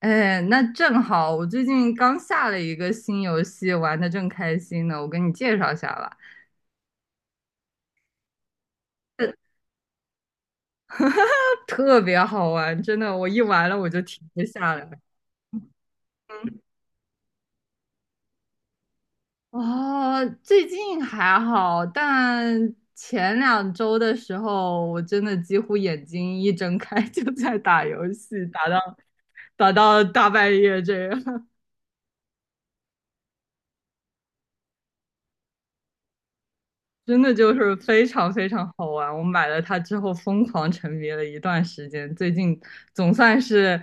哎，那正好，我最近刚下了一个新游戏，玩的正开心呢，我给你介绍一下吧。呃特别好玩，真的，我一玩了我就停不下来。嗯哦，最近还好，但前两周的时候，我真的几乎眼睛一睁开就在打游戏，打到大半夜这样。真的就是非常非常好玩。我买了它之后，疯狂沉迷了一段时间，最近总算是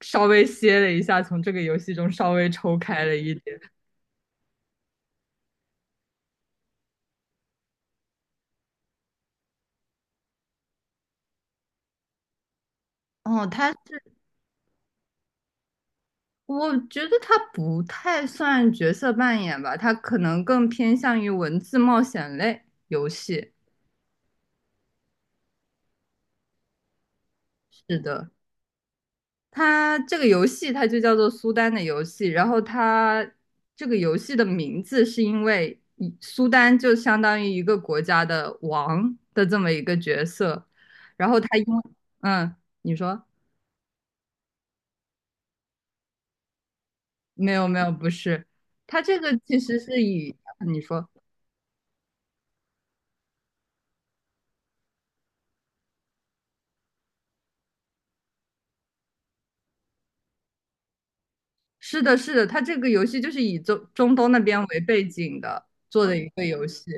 稍微歇了一下，从这个游戏中稍微抽开了一点。哦，它是，我觉得它不太算角色扮演吧，它可能更偏向于文字冒险类游戏。是的，它这个游戏它就叫做苏丹的游戏，然后它这个游戏的名字是因为苏丹就相当于一个国家的王的这么一个角色，然后它因为嗯，你说没有没有不是，它这个其实是以你说是的是的，它这个游戏就是以中东那边为背景的做的一个游戏。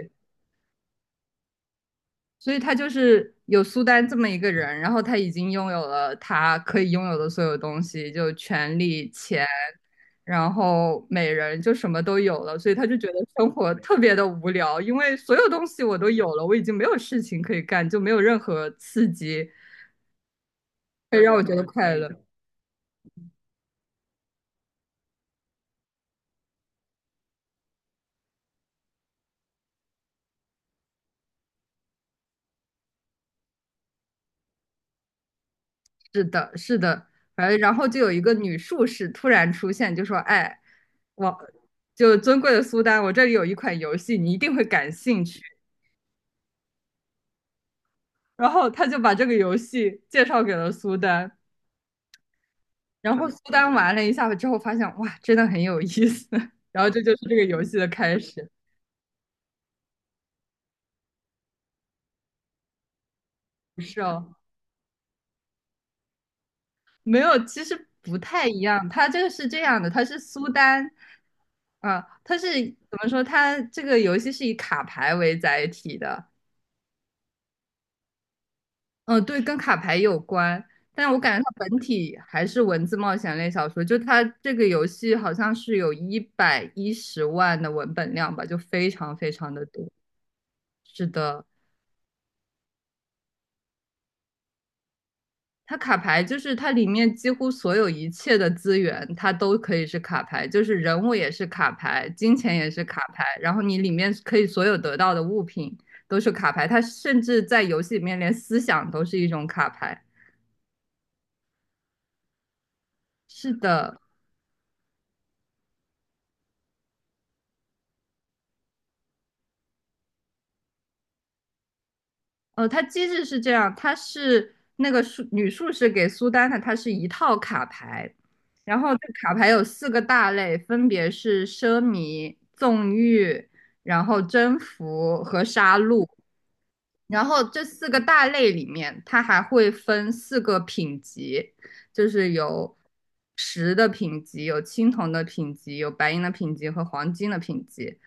所以他就是有苏丹这么一个人，然后他已经拥有了他可以拥有的所有东西，就权力、钱，然后美人，就什么都有了，所以他就觉得生活特别的无聊，因为所有东西我都有了，我已经没有事情可以干，就没有任何刺激可以让我觉得快乐。是的，是的，反正然后就有一个女术士突然出现，就说：“哎，我就尊贵的苏丹，我这里有一款游戏，你一定会感兴趣。”然后他就把这个游戏介绍给了苏丹，然后苏丹玩了一下之后发现，哇，真的很有意思。然后这就是这个游戏的开始。不是哦，没有，其实不太一样。他这个是这样的，他是苏丹，啊，它是怎么说？他这个游戏是以卡牌为载体的，对，跟卡牌有关，但我感觉它本体还是文字冒险类小说。就它这个游戏好像是有110万的文本量吧，就非常非常的多。是的，它卡牌就是它里面几乎所有一切的资源，它都可以是卡牌，就是人物也是卡牌，金钱也是卡牌，然后你里面可以所有得到的物品都是卡牌，它甚至在游戏里面连思想都是一种卡牌。是的。它机制是这样，它是那个女术士给苏丹的，它是一套卡牌，然后这卡牌有四个大类，分别是奢靡、纵欲、然后征服和杀戮。然后这四个大类里面，它还会分四个品级，就是有石的品级、有青铜的品级、有白银的品级和黄金的品级。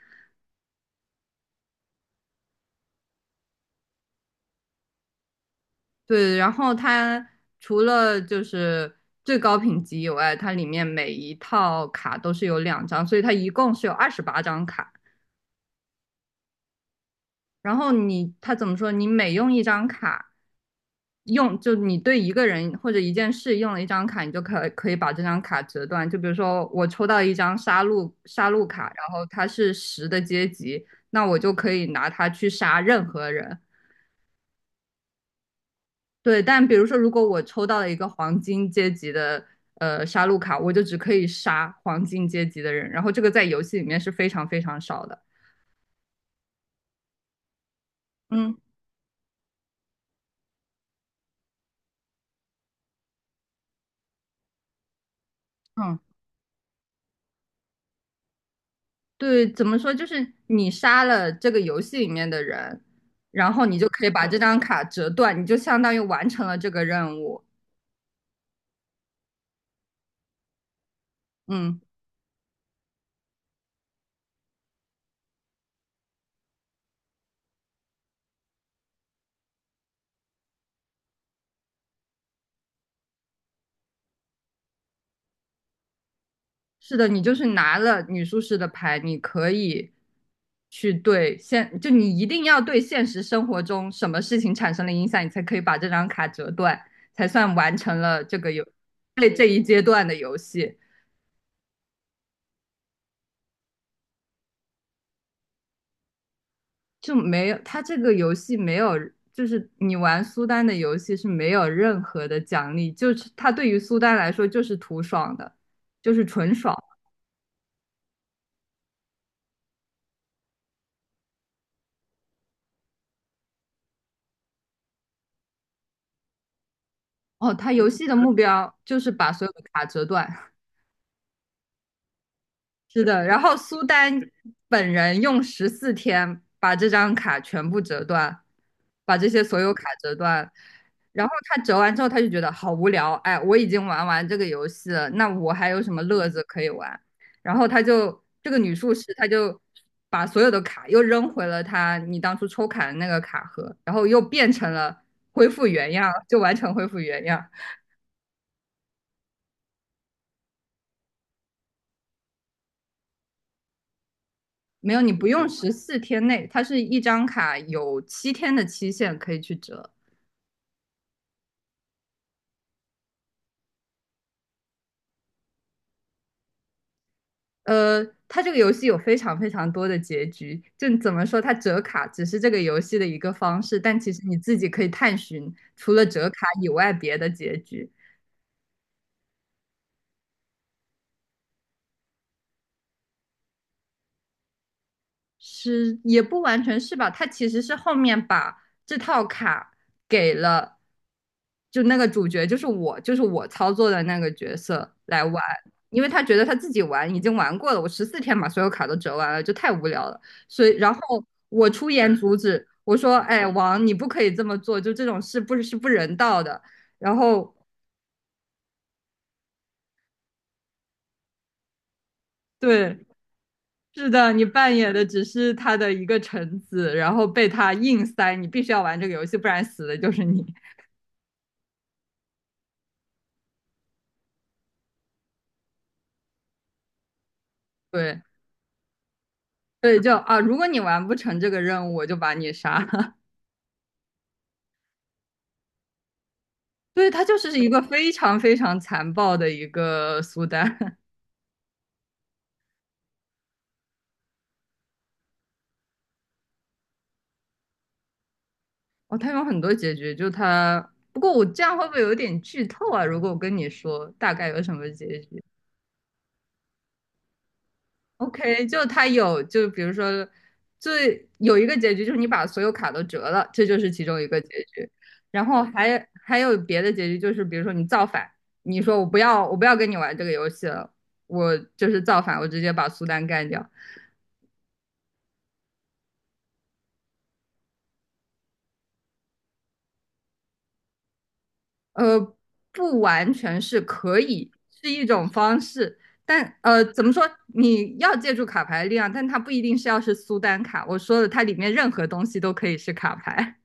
对，然后它除了就是最高品级以外，它里面每一套卡都是有两张，所以它一共是有28张卡。然后你，它怎么说？你每用一张卡，用就你对一个人或者一件事用了一张卡，你就可以把这张卡折断。就比如说我抽到一张杀戮卡，然后它是十的阶级，那我就可以拿它去杀任何人。对，但比如说，如果我抽到了一个黄金阶级的杀戮卡，我就只可以杀黄金阶级的人，然后这个在游戏里面是非常非常少的。嗯嗯对，怎么说？就是你杀了这个游戏里面的人，然后你就可以把这张卡折断，你就相当于完成了这个任务。嗯。是的，你就是拿了女术士的牌，你可以去对现，就你一定要对现实生活中什么事情产生了影响，你才可以把这张卡折断，才算完成了这个游，这这一阶段的游戏。就没有，它这个游戏没有，就是你玩苏丹的游戏是没有任何的奖励，就是它对于苏丹来说就是图爽的，就是纯爽。哦，它游戏的目标就是把所有的卡折断。是的，然后苏丹本人用十四天把这张卡全部折断，把这些所有卡折断。然后他折完之后，他就觉得好无聊，哎，我已经玩完这个游戏了，那我还有什么乐子可以玩？然后他就这个女术士，她就把所有的卡又扔回了她你当初抽卡的那个卡盒，然后又变成了恢复原样，就完全恢复原样。没有，你不用十四天内，它是一张卡有7天的期限可以去折。呃，它这个游戏有非常非常多的结局，就怎么说，它折卡只是这个游戏的一个方式，但其实你自己可以探寻除了折卡以外别的结局。是也不完全是吧？他其实是后面把这套卡给了，就那个主角，就是我，就是我操作的那个角色来玩，因为他觉得他自己玩已经玩过了，我十四天把所有卡都折完了，就太无聊了，所以然后我出言阻止，我说：“哎，王，你不可以这么做，就这种事不是不人道的。”然后对。是的，你扮演的只是他的一个臣子，然后被他硬塞，你必须要玩这个游戏，不然死的就是你。对对，就啊，如果你完不成这个任务，我就把你杀了。对，他就是一个非常非常残暴的一个苏丹。哦，他有很多结局，就他。不过我这样会不会有点剧透啊？如果我跟你说大概有什么结局，OK，就它有，就比如说，最有一个结局就是你把所有卡都折了，这就是其中一个结局。然后还有别的结局，就是比如说你造反，你说我不要，我不要跟你玩这个游戏了，我就是造反，我直接把苏丹干掉。呃，不完全是可以，是一种方式，但怎么说？你要借助卡牌的力量，但它不一定是要是苏丹卡。我说的，它里面任何东西都可以是卡牌。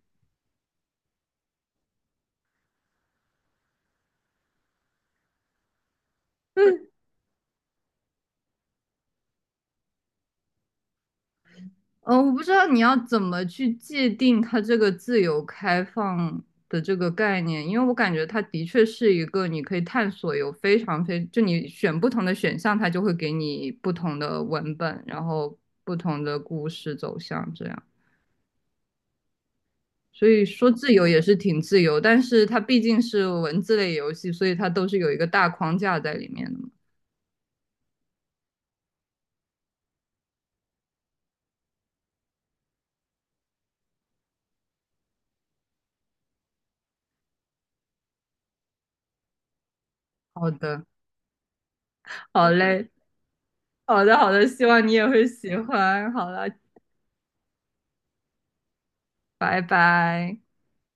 嗯，我不知道你要怎么去界定它这个自由开放的这个概念，因为我感觉它的确是一个你可以探索有非常非，就你选不同的选项，它就会给你不同的文本，然后不同的故事走向这样。所以说自由也是挺自由，但是它毕竟是文字类游戏，所以它都是有一个大框架在里面的嘛。好的，好嘞，好的，好的，希望你也会喜欢。好了，拜拜。